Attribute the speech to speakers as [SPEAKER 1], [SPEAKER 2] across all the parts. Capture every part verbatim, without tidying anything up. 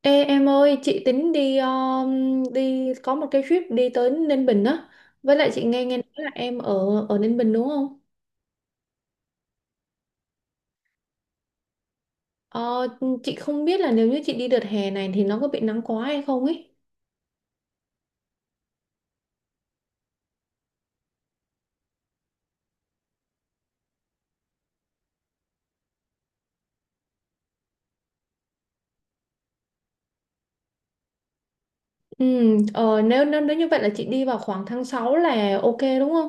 [SPEAKER 1] Ê em ơi, chị tính đi um, đi có một cái trip đi tới Ninh Bình á. Với lại chị nghe nghe nói là em ở ở Ninh Bình đúng không? Ờ, chị không biết là nếu như chị đi đợt hè này thì nó có bị nắng quá hay không ấy. Ừ, ờ, nếu, nếu nếu như vậy là chị đi vào khoảng tháng sáu là ok đúng không?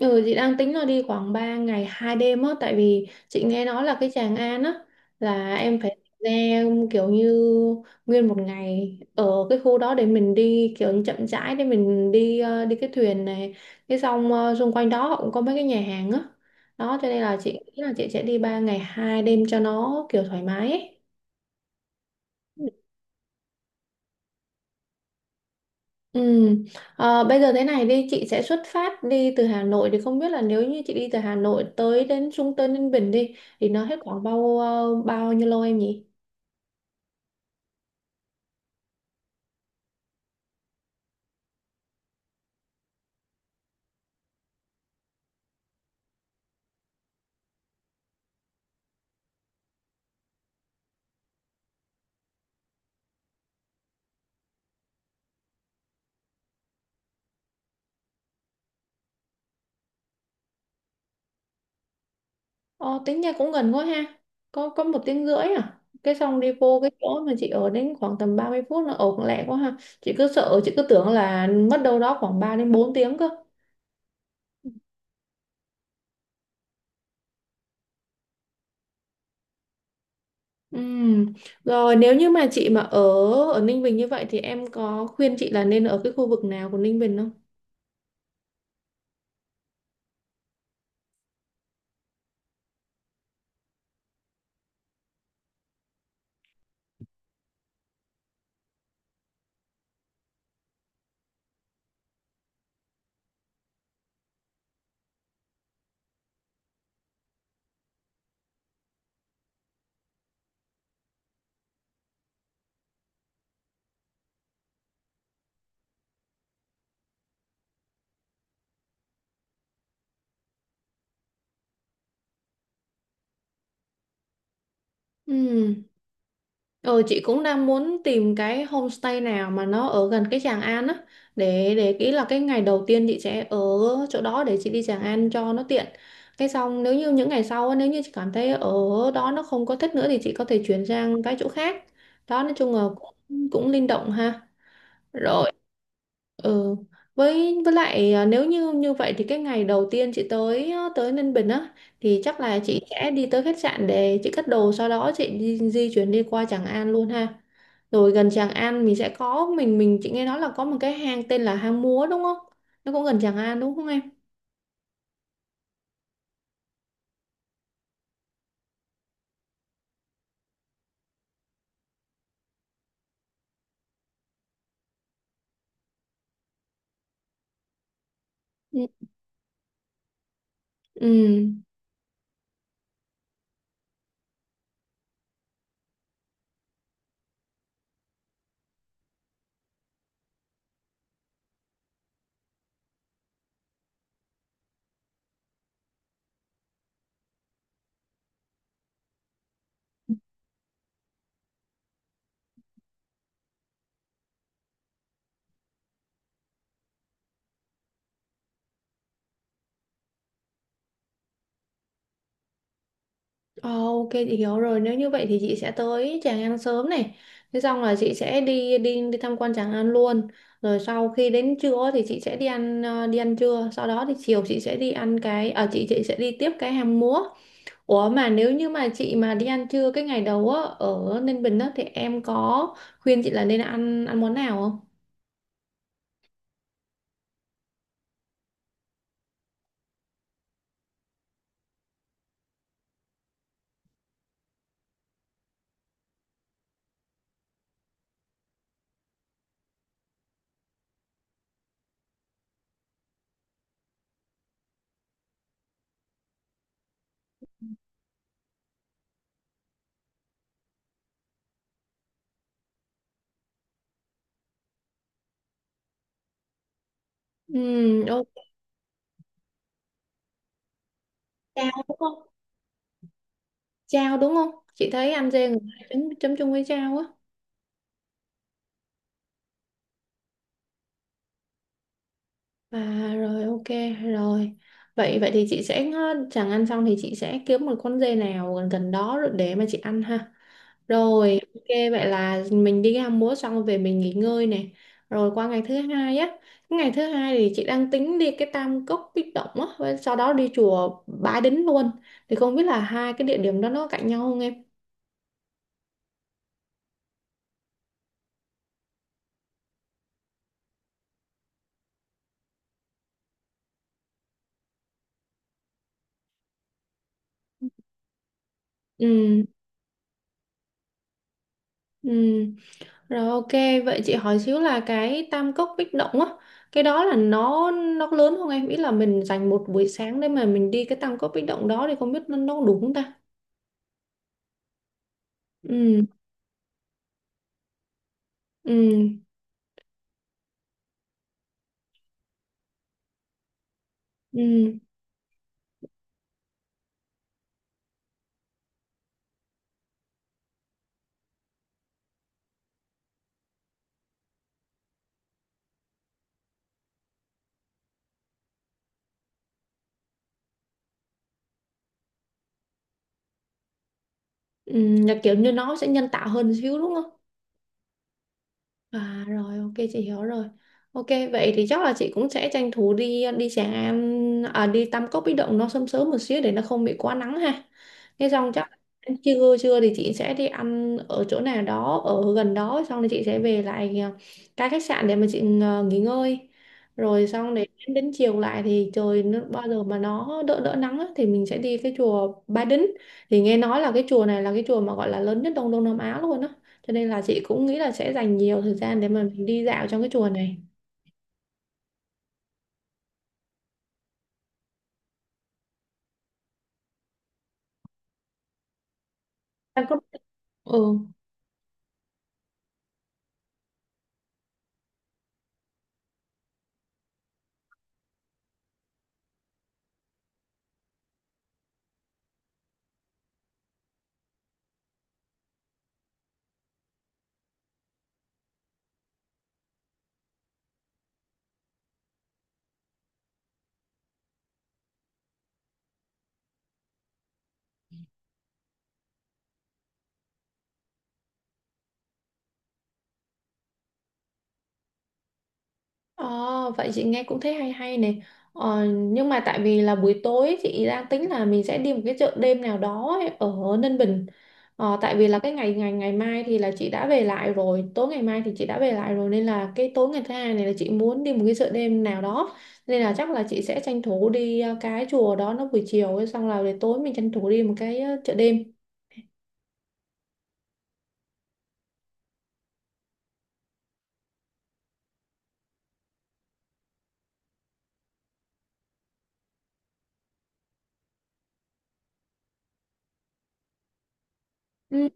[SPEAKER 1] Ừ, chị đang tính là đi khoảng ba ngày hai đêm á, tại vì chị nghe nói là cái Tràng An á là em phải ra kiểu như nguyên một ngày ở cái khu đó để mình đi kiểu như chậm rãi, để mình đi ờ, đi cái thuyền này, cái xong ờ, xung quanh đó họ cũng có mấy cái nhà hàng á, đó cho nên là chị nghĩ là chị sẽ đi ba ngày hai đêm cho nó kiểu thoải mái ấy. Ừ. Ờ, bây giờ thế này đi, chị sẽ xuất phát đi từ Hà Nội, thì không biết là nếu như chị đi từ Hà Nội tới đến Trung Tân Ninh Bình đi thì nó hết khoảng bao ờ, bao nhiêu lâu em nhỉ? Ờ, tính ra cũng gần quá ha. Có có một tiếng rưỡi à? Cái xong đi vô cái chỗ mà chị ở đến khoảng tầm ba mươi phút, nó ở cũng lẹ quá ha. Chị cứ sợ, chị cứ tưởng là mất đâu đó khoảng ba đến bốn tiếng cơ. Ừ. Rồi nếu như mà chị mà ở ở Ninh Bình như vậy thì em có khuyên chị là nên ở cái khu vực nào của Ninh Bình không? Ừ. Ờ, chị cũng đang muốn tìm cái homestay nào mà nó ở gần cái Tràng An á, để để ý là cái ngày đầu tiên chị sẽ ở chỗ đó để chị đi Tràng An cho nó tiện. Cái xong nếu như những ngày sau á, nếu như chị cảm thấy ở đó nó không có thích nữa thì chị có thể chuyển sang cái chỗ khác. Đó, nói chung là cũng, cũng linh động ha. Rồi, ừ, với với lại à, nếu như như vậy thì cái ngày đầu tiên chị tới à, tới Ninh Bình á, thì chắc là chị sẽ đi tới khách sạn để chị cất đồ, sau đó chị di, di chuyển đi qua Tràng An luôn ha. Rồi gần Tràng An mình sẽ có mình mình chị nghe nói là có một cái hang tên là hang Múa đúng không, nó cũng gần Tràng An đúng không em? Ừ. Ừ. Ờ, ok chị hiểu rồi. Nếu như vậy thì chị sẽ tới Tràng An sớm này, thế xong là chị sẽ đi đi đi tham quan Tràng An luôn, rồi sau khi đến trưa thì chị sẽ đi ăn ờ, đi ăn trưa, sau đó thì chiều chị sẽ đi ăn cái ở chị chị sẽ đi tiếp cái hang múa. Ủa, mà nếu như mà chị mà đi ăn trưa cái ngày đầu á ở Ninh Bình á, thì em có khuyên chị là nên ăn ăn món nào không? Ừ, ok, chao đúng không? Chao đúng không? Chị thấy ăn dê người ta chấm chấm chung với chao á. À rồi ok rồi. Vậy vậy thì chị sẽ ờ, chẳng ăn xong thì chị sẽ kiếm một con dê nào gần gần đó rồi để mà chị ăn ha. Rồi ok, vậy là mình đi ham múa xong về mình nghỉ ngơi này. Rồi qua ngày thứ hai á. Ngày thứ hai thì chị đang tính đi cái Tam Cốc Bích Động á, và sau đó đi chùa Bái Đính luôn. Thì không biết là hai cái địa điểm đó nó cạnh nhau không em? Ừ. Ừ. Rồi ok, vậy chị hỏi xíu là cái tam cốc bích động á, cái đó là nó nó lớn không em? Ý là mình dành một buổi sáng để mà mình đi cái tam cốc bích động đó thì không biết nó nó có đủ không ta? Ừ, ừ, ừ, ừ, là kiểu như nó sẽ nhân tạo hơn xíu đúng không? À rồi ok chị hiểu rồi. Ok, vậy thì chắc là chị cũng sẽ tranh thủ đi đi Tràng An à, đi Tam Cốc Bích Động nó sớm sớm một xíu để nó không bị quá nắng ha. Thế xong chắc trưa trưa thì chị sẽ đi ăn ở chỗ nào đó ở gần đó, xong thì chị sẽ về lại à, cái khách sạn để mà chị à, nghỉ ngơi. Rồi xong để đến, đến chiều lại thì trời nó, bao giờ mà nó đỡ đỡ nắng á, thì mình sẽ đi cái chùa Ba Đính. Thì nghe nói là cái chùa này là cái chùa mà gọi là lớn nhất Đông Đông Nam Á luôn á, cho nên là chị cũng nghĩ là sẽ dành nhiều thời gian để mà mình đi dạo trong cái chùa này. Em có ừ. Ờ, vậy chị nghe cũng thấy hay hay này. Ờ, nhưng mà tại vì là buổi tối chị đang tính là mình sẽ đi một cái chợ đêm nào đó ấy, ở Ninh Bình. Ờ, tại vì là cái ngày ngày ngày mai thì là chị đã về lại rồi, tối ngày mai thì chị đã về lại rồi, nên là cái tối ngày thứ hai này là chị muốn đi một cái chợ đêm nào đó. Nên là chắc là chị sẽ tranh thủ đi ờ, cái chùa đó nó buổi chiều ấy, xong là để tối mình tranh thủ đi một cái ờ, chợ đêm. Ừ.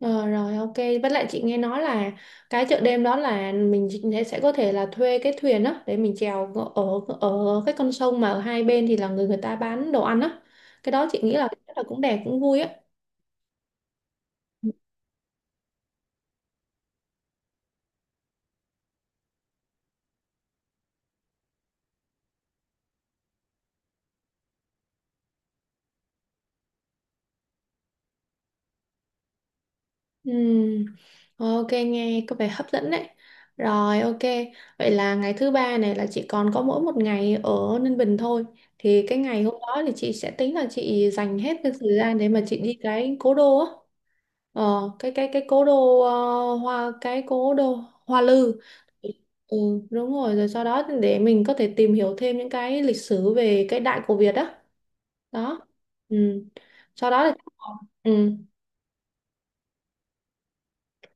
[SPEAKER 1] Ờ, rồi ok, với lại chị nghe nói là cái chợ đêm đó là mình sẽ sẽ có thể là thuê cái thuyền á để mình chèo ở ở cái con sông mà ở hai bên thì là người người ta bán đồ ăn á, cái đó chị nghĩ là chắc là cũng đẹp cũng vui á. Ừ. Ừm, ok nghe có vẻ hấp dẫn đấy. Rồi ok, vậy là ngày thứ ba này là chị còn có mỗi một ngày ở Ninh Bình thôi, thì cái ngày hôm đó thì chị sẽ tính là chị dành hết cái thời gian để mà chị đi cái cố đô á. Ờ, cái cái cái cố đô ờ, hoa cái cố đô Hoa Lư. Ừ, đúng rồi, rồi sau đó để mình có thể tìm hiểu thêm những cái lịch sử về cái Đại cổ Việt đó đó. Ừ. Sau đó thì ừ.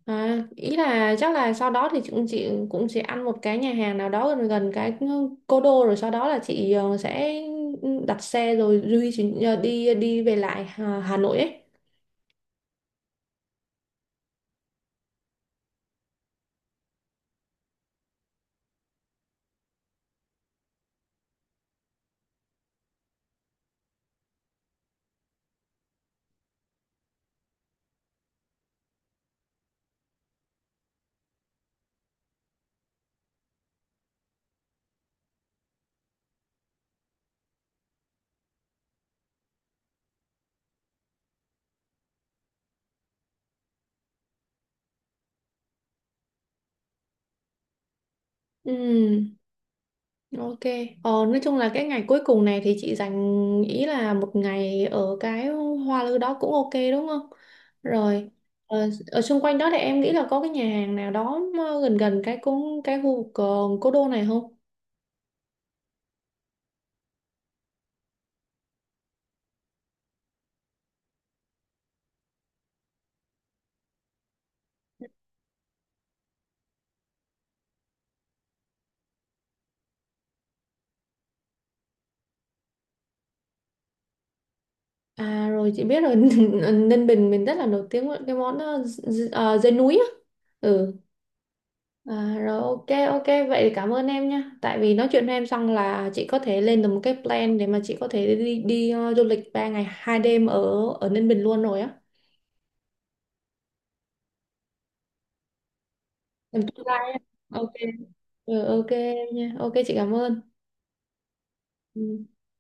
[SPEAKER 1] À, ý là chắc là sau đó thì chị, cũng chị cũng sẽ ăn một cái nhà hàng nào đó gần gần cái cố đô, rồi sau đó là chị ờ, sẽ đặt xe rồi duy chị ờ, đi đi về lại Hà, Hà Nội ấy. Ừ. Ok. Ờ, nói chung là cái ngày cuối cùng này thì chị dành ý là một ngày ở cái Hoa Lư đó cũng ok đúng không? Rồi. Ờ, ở xung quanh đó thì em nghĩ là có cái nhà hàng nào đó mà gần gần cái cũng cái khu vực ờ, cố đô này không? À rồi chị biết rồi Ninh Bình mình rất là nổi tiếng với cái món ờ, d- d- ờ, dê núi á. Ừ. À, rồi ok ok, vậy thì cảm ơn em nhé, tại vì nói chuyện với em xong là chị có thể lên được một cái plan để mà chị có thể đi đi ờ, du lịch ba ngày hai đêm ở ở Ninh Bình luôn rồi á. Em tương lai á. Ok, ừ, ok em nha, ok chị cảm ơn. Ừ.